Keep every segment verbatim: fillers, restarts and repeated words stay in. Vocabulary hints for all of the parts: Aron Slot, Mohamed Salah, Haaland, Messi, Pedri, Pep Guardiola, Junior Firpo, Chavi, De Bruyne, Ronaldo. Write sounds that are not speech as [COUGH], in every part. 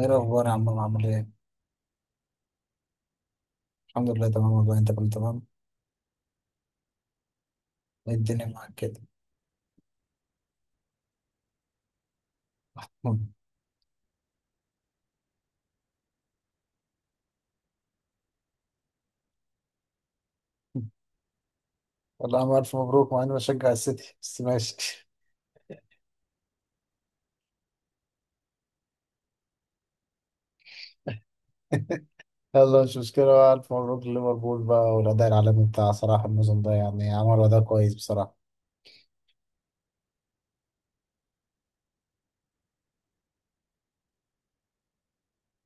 ايه الاخبار يا عم، عامل ايه؟ الحمد لله تمام والله، انت كنت تمام؟ ايه الدنيا معاك كده؟ مم. والله عم، الف مبروك. مع اني بشجع السيتي بس ماشي. [LAUGHS] يلا مش مشكله بقى، الف مبروك لليفربول بقى. والاداء العالمي بتاع صلاح الموسم ده يعني عملوا اداء كويس بصراحه.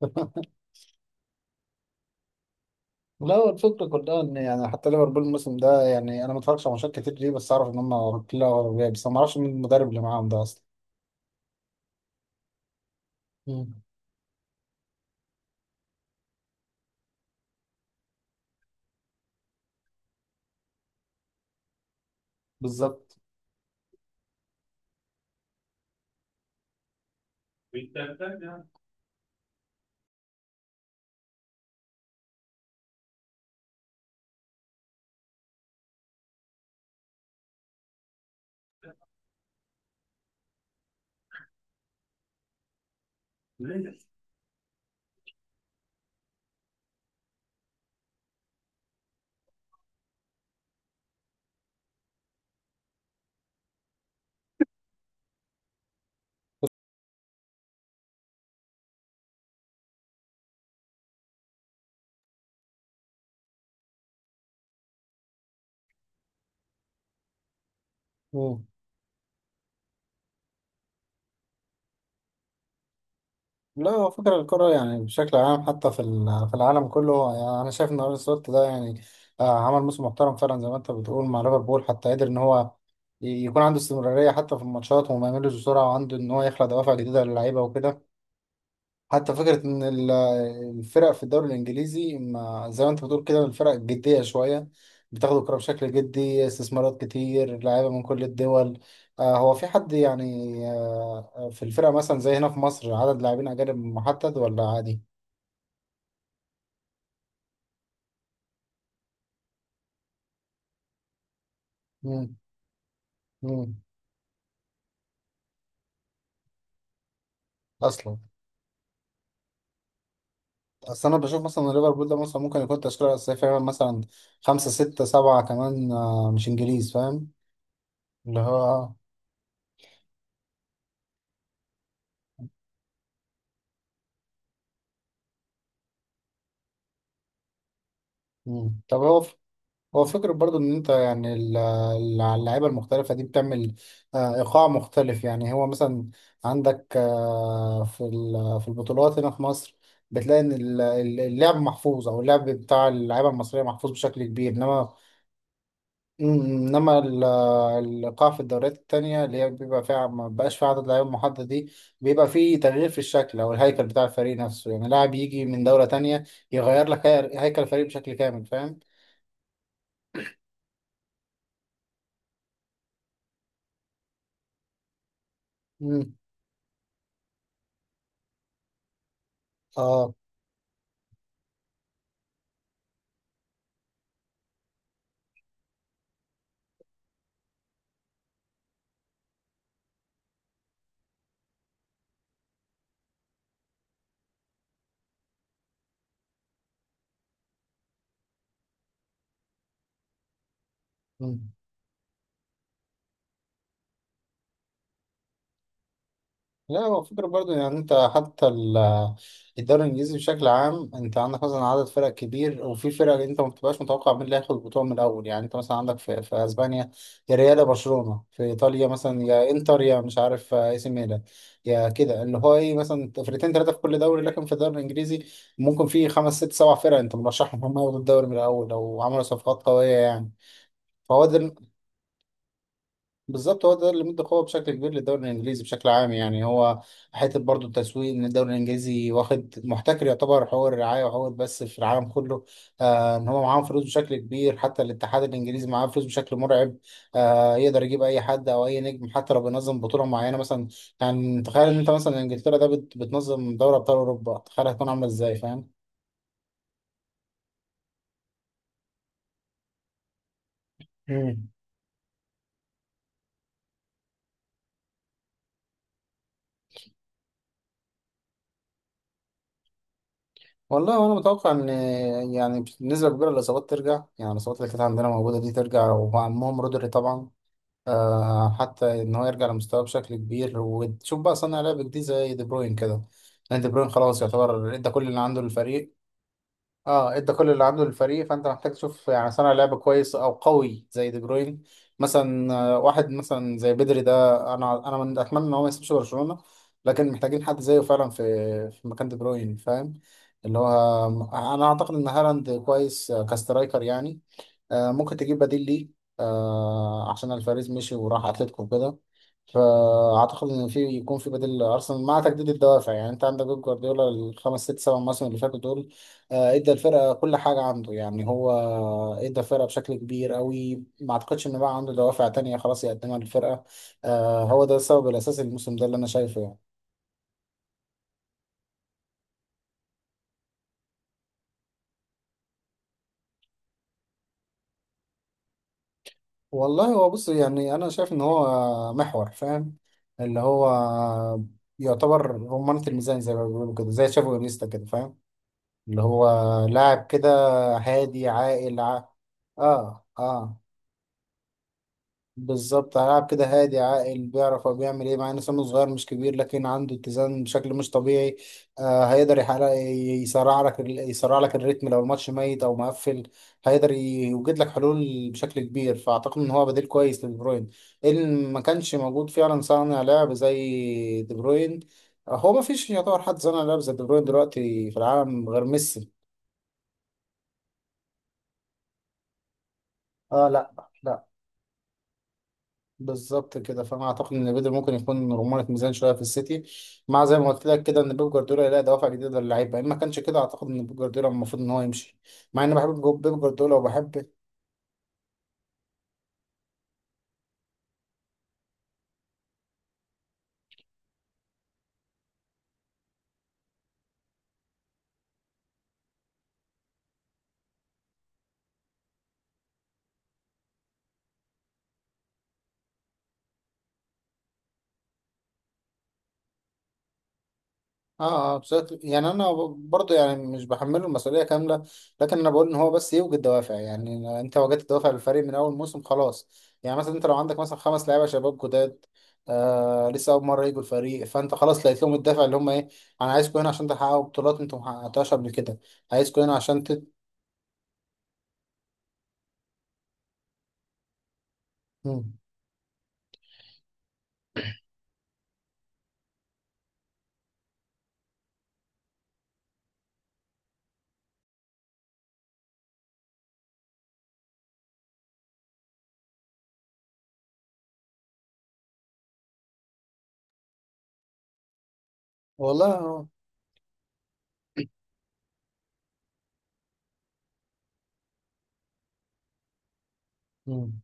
[LAUGHS] لا، هو الفكرة كلها إن يعني حتى ليفربول الموسم ده، يعني أنا ما اتفرجش على ماتشات كتير ليه، بس أعرف إن هم كلها أوروبية، بس ما أعرفش مين المدرب اللي معاهم ده أصلا. مم. بالظبط. لا، هو فكرة الكرة يعني بشكل عام حتى في ال- في العالم كله. يعني أنا شايف إن أرون سلوت ده يعني آه، عمل موسم محترم فعلا زي ما أنت بتقول مع ليفربول، حتى قدر إن هو ي- يكون عنده استمرارية حتى في الماتشات وما يملش بسرعة، وعنده إن هو يخلق دوافع جديدة للعيبة وكده. حتى فكرة إن ال- الفرق في الدوري الإنجليزي ما زي ما أنت بتقول كده، الفرق جدية شوية، بتاخد الكرة بشكل جدي، استثمارات كتير لعيبة من كل الدول. آه هو في حد يعني، آه في الفرقة مثلا زي هنا في مصر عدد لاعبين أجانب محدد ولا عادي؟ مم. مم. أصلا. أصل أنا بشوف مثلا إن ليفربول ده مثلا ممكن يكون تشكيلة أساسية فعلا مثلا خمسة ستة سبعة كمان آه مش إنجليز، فاهم؟ اللي هو آه. مم. طب هو هو فكرة برضو ان انت يعني ال- ال- اللعيبة المختلفة دي بتعمل آه، ايقاع مختلف. يعني هو مثلا عندك آه، في ال- في البطولات هنا في مصر بتلاقي ان ال- ال- اللعب محفوظ او اللعب بتاع اللعيبة المصرية محفوظ بشكل كبير، انما مم، انما ال- الايقاع في الدوريات التانية اللي هي بيبقى فيها، ما بقاش فيها عدد لعيبة محدد دي، بيبقى فيه تغيير في الشكل او الهيكل بتاع الفريق نفسه، يعني لاعب يجي من دولة تانية يغير لك هي- هيكل الفريق بشكل كامل، فاهم؟ مم. اه. مم. لا، هو فكرة برضو يعني انت حتى ال- الدوري الانجليزي بشكل عام، انت عندك مثلا عدد فرق كبير وفي فرق انت ما بتبقاش متوقع مين اللي هياخد البطولة من الاول. يعني انت مثلا عندك في, في اسبانيا يا ريال يا برشلونة، في ايطاليا مثلا يا انتر يا مش عارف آه، اي سي ميلان، يا كده اللي هو ايه، مثلا فرقتين ثلاثة في كل دوري، لكن في الدوري الانجليزي ممكن في خمس ست سبع فرق انت مرشحهم هم ياخدوا الدوري من الاول لو عملوا صفقات قوية يعني. فهو ده، بالظبط هو ده اللي مدى قوه بشكل كبير للدوري الانجليزي بشكل عام. يعني هو حته برضو التسويق ان الدوري الانجليزي واخد محتكر يعتبر حقوق الرعايه وحقوق البث في العالم كله. آه ان هو معاهم فلوس بشكل كبير، حتى الاتحاد الانجليزي معاه فلوس بشكل مرعب. آه يقدر يجيب اي حد او اي نجم حتى لو بينظم بطوله معينه مثلا. يعني تخيل ان انت مثلا انجلترا ده بت- بتنظم دوري ابطال اوروبا، تخيل هتكون عامله ازاي، فاهم؟ مم. والله انا متوقع ان يعني بنسبه كبيره الاصابات ترجع، يعني الاصابات اللي كانت عندنا موجوده دي ترجع، ومعهم رودري طبعا. آه حتى ان هو يرجع لمستواه بشكل كبير، وتشوف بقى صانع لعب جديد زي دي بروين كده، لان دي بروين خلاص يعتبر ادى كل اللي عنده للفريق. اه، ادى كل اللي عنده للفريق. فانت محتاج تشوف يعني صانع لعب كويس او قوي زي دي بروين مثلا. آه، واحد مثلا زي بدري ده، انا انا من اتمنى ان هو ما يسيبش برشلونة، لكن محتاجين حد زيه فعلا في في مكان دي بروين، فاهم؟ اللي هو، انا اعتقد ان هالاند كويس آه، كسترايكر يعني. آه، ممكن تجيب بديل ليه آه، عشان الفاريز مشي وراح اتلتيكو وكده. فاعتقد ان في يكون في بديل لارسنال، مع تجديد الدوافع. يعني انت عندك بيب جوارديولا الخمس ست سبع مواسم اللي فاتوا دول آه، ادى الفرقه كل حاجه عنده. يعني هو ادى الفرقه بشكل كبير قوي، ما اعتقدش ان بقى عنده دوافع تانية خلاص يقدمها للفرقه. آه، هو ده السبب الاساسي الموسم ده اللي انا شايفه يعني. والله هو بص، يعني انا شايف ان هو محور، فاهم؟ اللي هو يعتبر رمانة الميزان زي ما بيقولوا كده، زي تشافي وانيستا كده، فاهم؟ اللي هو لاعب كده هادي عاقل. ع... اه، اه، بالظبط هيلعب كده هادي عاقل، بيعرف هو بيعمل ايه، مع ان سنه صغير مش كبير لكن عنده اتزان بشكل مش طبيعي. آه هيقدر يحقق، يسرع لك ال- يسرع لك الريتم لو الماتش ميت او مقفل، هيقدر يوجد لك حلول بشكل كبير. فاعتقد ان هو بديل كويس لدي بروين ان ما كانش موجود فعلا صانع لعب زي دي بروين. هو ما فيش يعتبر حد صانع لعب زي دي بروين دلوقتي في العالم غير ميسي. اه، لا، لا، بالظبط كده. فانا اعتقد ان بيدر ممكن يكون رمانة ميزان شويه في السيتي، مع زي ما قلت لك كده ان بيب جوارديولا يلاقي دوافع جديده للعيبه. ان ما كانش كده اعتقد ان بيب جوارديولا المفروض ان هو يمشي، مع اني بحب جو- بيب جوارديولا وبحب. اه، اه، بشكل يعني انا برضه يعني مش بحمله المسؤوليه كامله، لكن انا بقول ان هو بس يوجد دوافع. يعني انت وجدت دوافع للفريق من اول موسم خلاص. يعني مثلا انت لو عندك مثلا خمس لعيبه شباب جداد آه لسه اول مره يجوا الفريق، فانت خلاص لقيت لهم الدافع اللي هم ايه، انا عايزكم هنا عشان تحققوا بطولات انتم ما حققتوهاش قبل كده، عايزكم هنا عشان. تت... مم. والله هو. مم.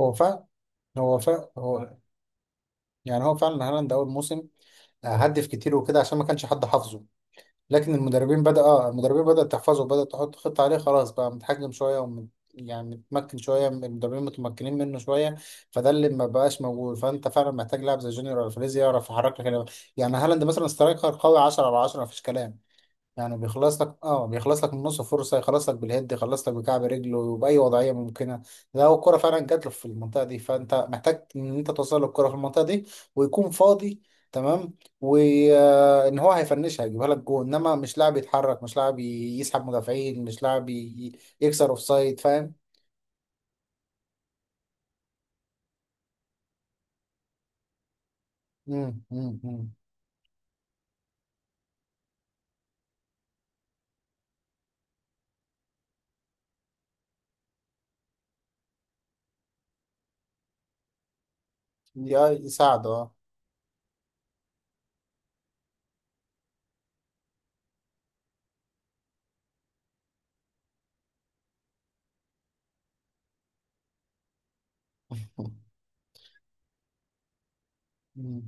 هو فعلا هو فعلا هو يعني هو فعلا هالاند اول موسم آه، هدف كتير وكده عشان ما كانش حد حافظه. لكن المدربين بدأ اه المدربين بدأت تحفظه، بدأت تحط خطة عليه، خلاص بقى متحجم شوية. ومت... يعني متمكن شوية، المدربين متمكنين منه شوية. فده اللي ما بقاش موجود، فأنت فعلا محتاج لاعب زي جونيور الفريز يعرف يحرك لك ال- يعني هالاند مثلا سترايكر قوي عشرة على عشرة، مفيش كلام. يعني بيخلص لك، اه، بيخلص لك من نص فرصه، يخلص لك بالهيد، يخلص لك بكعب رجله وباي وضعيه ممكنه، لو الكره فعلا جات له في المنطقه دي. فانت محتاج ان انت توصل له الكره في المنطقه دي ويكون فاضي، تمام، وان هو هيفنشها، هيجيبها لك جول. انما مش لاعب يتحرك، مش لاعب ي- يسحب مدافعين، مش لاعب ي- يكسر اوفسايد، فاهم؟ امم. امم. يا يساعده. اه،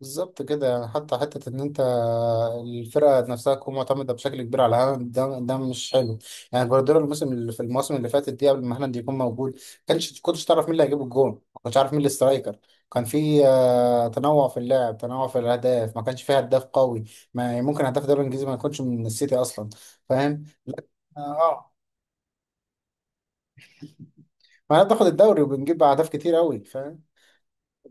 بالظبط كده. يعني حتى حتة إن أنت الفرقة نفسها تكون معتمدة بشكل كبير على هالاند ده ده مش حلو. يعني جوارديولا الموسم اللي في الموسم اللي فاتت دي قبل ما هالاند يكون موجود، كانش كنتش تعرف مين اللي هيجيب الجون، ما كنتش عارف مين الاسترايكر. كان في آه، تنوع في اللعب، تنوع في الأهداف، ما كانش في هداف قوي، ما ممكن هداف الدوري الإنجليزي ما يكونش من السيتي أصلا، فاهم؟ اه، ما احنا بناخد الدوري وبنجيب أهداف كتير أوي.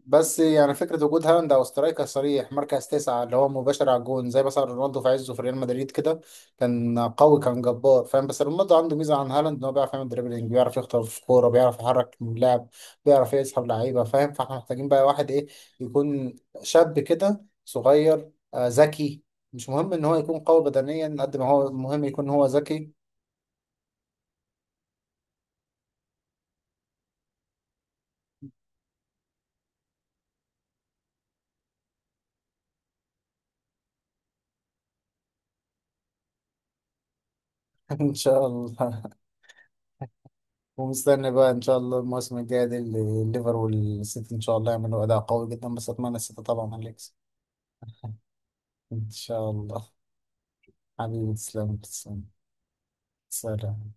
بس يعني فكرة وجود هالاند أو سترايكر صريح مركز تسعة اللي هو مباشر على الجون، زي مثلا رونالدو في عزه في ريال مدريد كده، كان قوي كان جبار، فاهم؟ بس رونالدو عنده ميزة عن هالاند إن هو بيعرف يعمل دريبلينج، بيعرف يخطف في كورة، بيعرف يحرك اللاعب، بيعرف يسحب لعيبة، فاهم؟ فاحنا محتاجين بقى واحد إيه، يكون شاب كده صغير، آه، ذكي. مش مهم إن هو يكون قوي بدنيا قد ما هو مهم يكون هو ذكي. [LAUGHS] إن شاء الله. ومستني بقى ان شاء الله الموسم الجاي دي اللي- الليفر والسيتي ان شاء الله يعملوا اداء قوي جدا، بس اتمنى السيتي طبعا هنكسب. ان شاء الله. حبيبي، تسلم تسلم. سلام.